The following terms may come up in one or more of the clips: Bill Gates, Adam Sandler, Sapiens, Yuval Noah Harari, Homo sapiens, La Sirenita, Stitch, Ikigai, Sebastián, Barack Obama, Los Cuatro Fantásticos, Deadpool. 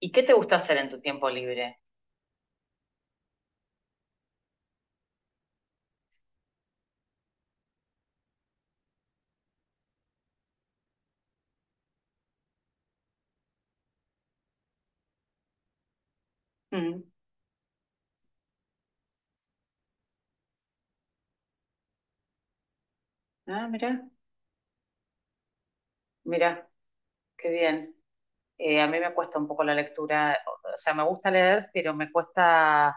¿Y qué te gusta hacer en tu tiempo libre? Mm. Ah, mira, mira, qué bien. A mí me cuesta un poco la lectura, o sea, me gusta leer, pero me cuesta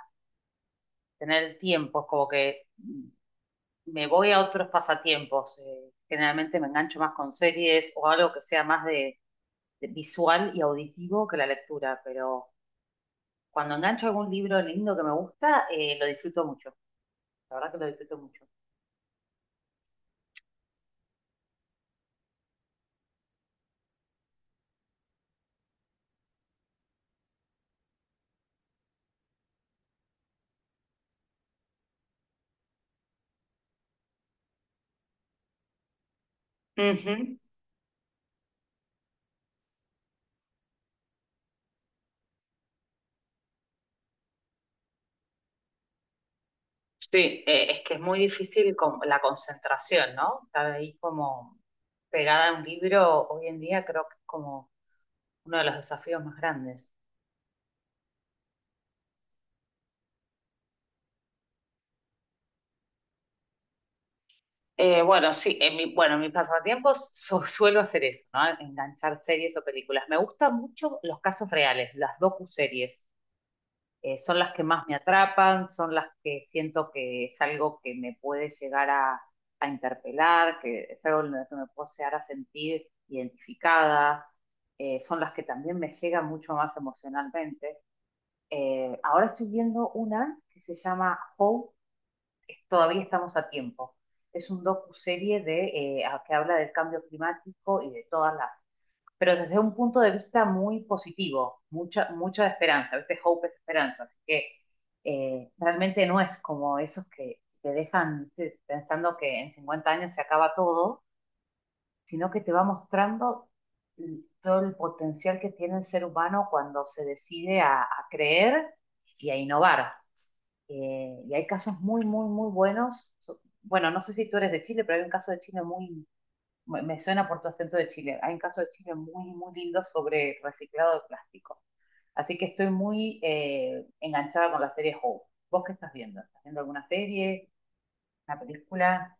tener el tiempo, es como que me voy a otros pasatiempos. Generalmente me engancho más con series o algo que sea más de visual y auditivo que la lectura, pero cuando engancho algún libro lindo que me gusta, lo disfruto mucho, la verdad que lo disfruto mucho. Ujú. Sí, es que es muy difícil con la concentración, ¿no? Estar ahí como pegada a un libro hoy en día creo que es como uno de los desafíos más grandes. Bueno, sí, bueno, en mis pasatiempos suelo hacer eso, ¿no? Enganchar series o películas. Me gustan mucho los casos reales, las docuseries. Son las que más me atrapan, son las que siento que es algo que me puede a interpelar, que es algo en lo que me puedo llegar a sentir identificada, son las que también me llegan mucho más emocionalmente. Ahora estoy viendo una que se llama How, todavía estamos a tiempo. Es un docu-serie que habla del cambio climático y de todas las, pero desde un punto de vista muy positivo, mucha, mucha esperanza, a veces hope es esperanza, así que realmente no es como esos que te dejan ¿viste? Pensando que en 50 años se acaba todo, sino que te va mostrando todo el potencial que tiene el ser humano cuando se decide a creer y a innovar. Y hay casos muy, muy, muy buenos. Bueno, no sé si tú eres de Chile, pero hay un caso de Chile muy, me suena por tu acento de Chile, hay un caso de Chile muy, muy lindo sobre reciclado de plástico. Así que estoy muy enganchada con la serie Hope. ¿Vos qué estás viendo? ¿Estás viendo alguna serie, una película?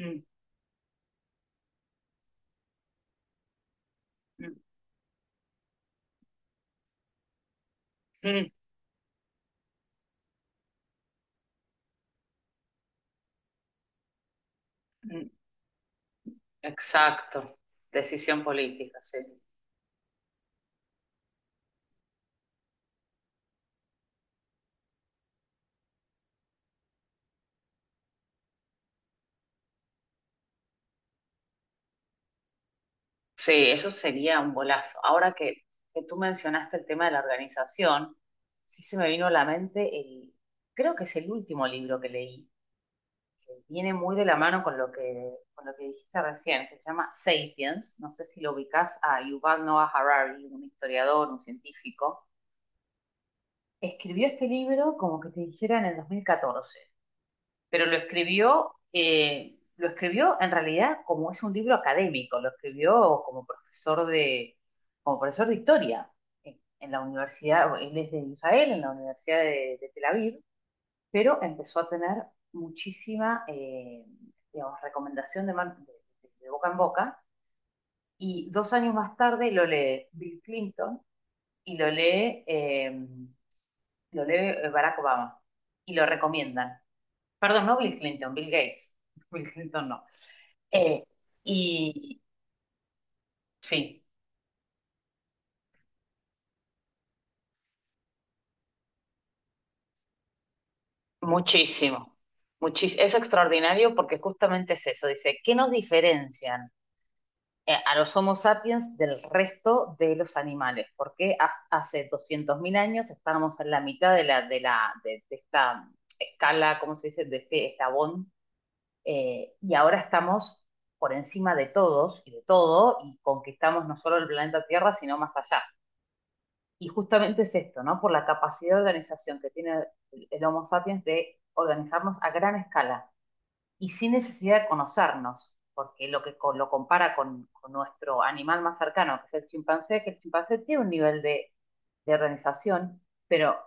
Mm, mm, mm, mm. Exacto. Decisión política, sí. Sí, eso sería un golazo. Que tú mencionaste el tema de la organización, sí se me vino a la mente el, creo que es el último libro que leí, que viene muy de la mano con con lo que dijiste recién, que se llama Sapiens. No sé si lo ubicás a Yuval Noah Harari, un historiador, un científico. Escribió este libro como que te dijera en el 2014, pero lo escribió en realidad como es un libro académico, lo escribió como profesor de historia en la universidad, él es de Israel, en la Universidad de Tel Aviv, pero empezó a tener muchísima, digamos, recomendación de, man- de boca en boca, y dos años más tarde lo lee Bill Clinton y lo lee Barack Obama, y lo recomiendan. Perdón, no Bill Clinton, Bill Gates. Bill Clinton no. Eh, y sí, muchísimo. Es extraordinario porque justamente es eso. Dice, ¿qué nos diferencian a los Homo sapiens del resto de los animales? Porque hace 200.000 años estábamos en la mitad de esta escala, ¿cómo se dice? De este eslabón. Y ahora estamos por encima de todos y de todo y conquistamos no solo el planeta Tierra, sino más allá. Y justamente es esto, ¿no? Por la capacidad de organización que tiene el Homo sapiens de organizarnos a gran escala y sin necesidad de conocernos, porque lo compara con nuestro animal más cercano, que es el chimpancé, que el chimpancé tiene un nivel de organización, pero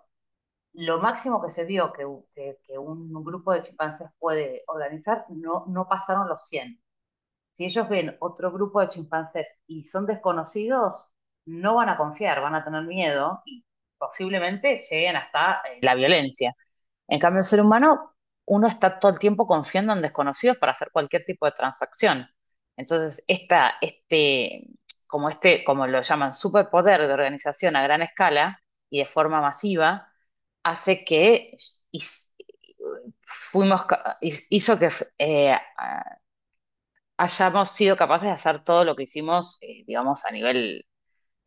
lo máximo que se vio que un grupo de chimpancés puede organizar no, no pasaron los cien, si ellos ven otro grupo de chimpancés y son desconocidos, no van a confiar, van a tener miedo y posiblemente lleguen hasta la violencia. En cambio, el ser humano, uno está todo el tiempo confiando en desconocidos para hacer cualquier tipo de transacción. Entonces, esta, este, como lo llaman, superpoder de organización a gran escala y de forma masiva, hace que y- fuimos, ca- hizo que eh, hayamos sido capaces de hacer todo lo que hicimos, digamos, a nivel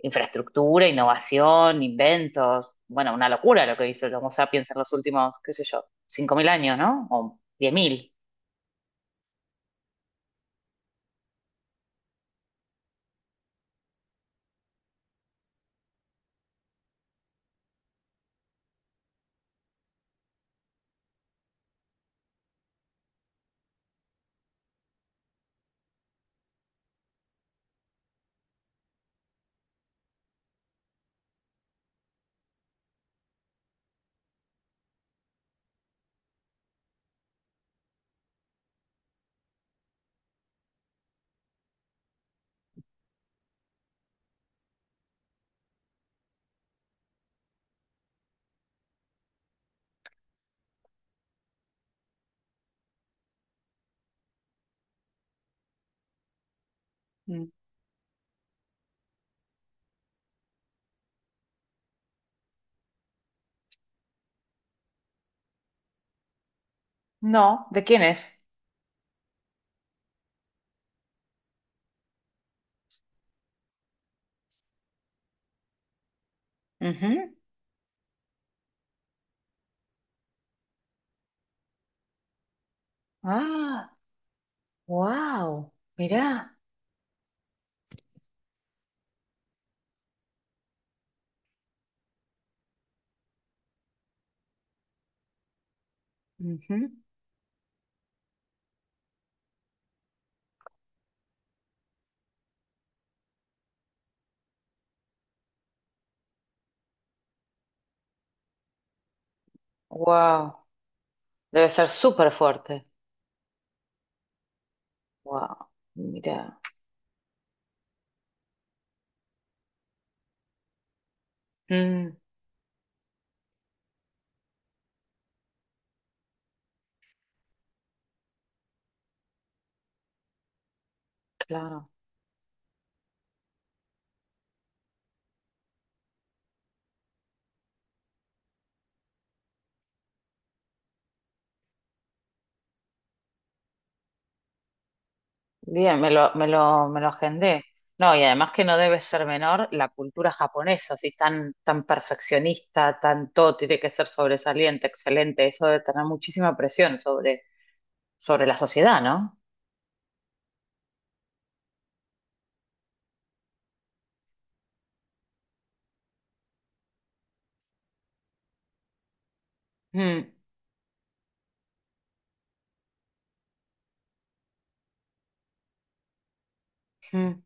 infraestructura, innovación, inventos. Bueno, una locura lo que hizo el Homo sapiens en los últimos, qué sé yo, 5.000 años, ¿no? O 10.000. Mm. No, ¿de quién es? Ujú. Ah, wow, mirá. Ujú. Wow. Debe ser súper fuerte. Wow, mirá. Mm, claro. Bien, me lo agendé. No, y además que no debe ser menor la cultura japonesa, así tan, tan perfeccionista, tan todo tiene que ser sobresaliente, excelente. Eso debe tener muchísima presión sobre la sociedad, ¿no? Mm, mm,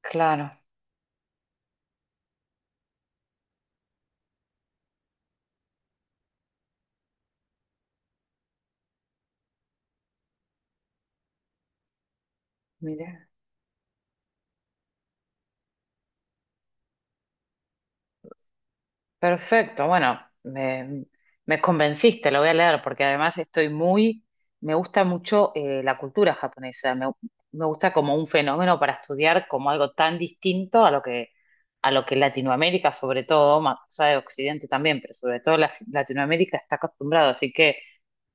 claro, mire. Perfecto, bueno, me convenciste, lo voy a leer porque además estoy muy, me gusta mucho la cultura japonesa, me gusta como un fenómeno para estudiar como algo tan distinto a a lo que Latinoamérica sobre todo, más o sea, de Occidente también, pero sobre todo Latinoamérica está acostumbrado, así que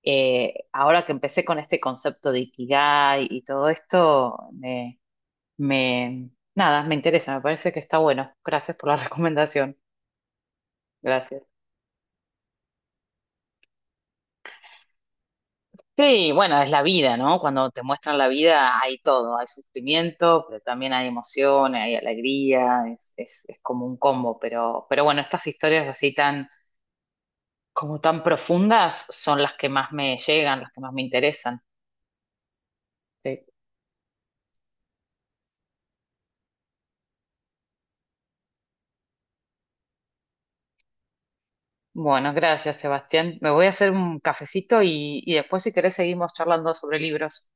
ahora que empecé con este concepto de Ikigai y todo esto, me, nada, me interesa, me parece que está bueno. Gracias por la recomendación, gracias. Sí, bueno, es la vida, ¿no? Cuando te muestran la vida hay todo, hay sufrimiento, pero también hay emoción, hay alegría, es como un combo, pero bueno, estas historias así como tan profundas son las que más me llegan, las que más me interesan. Sí. Bueno, gracias, Sebastián. Me voy a hacer un cafecito y después si querés seguimos charlando sobre libros.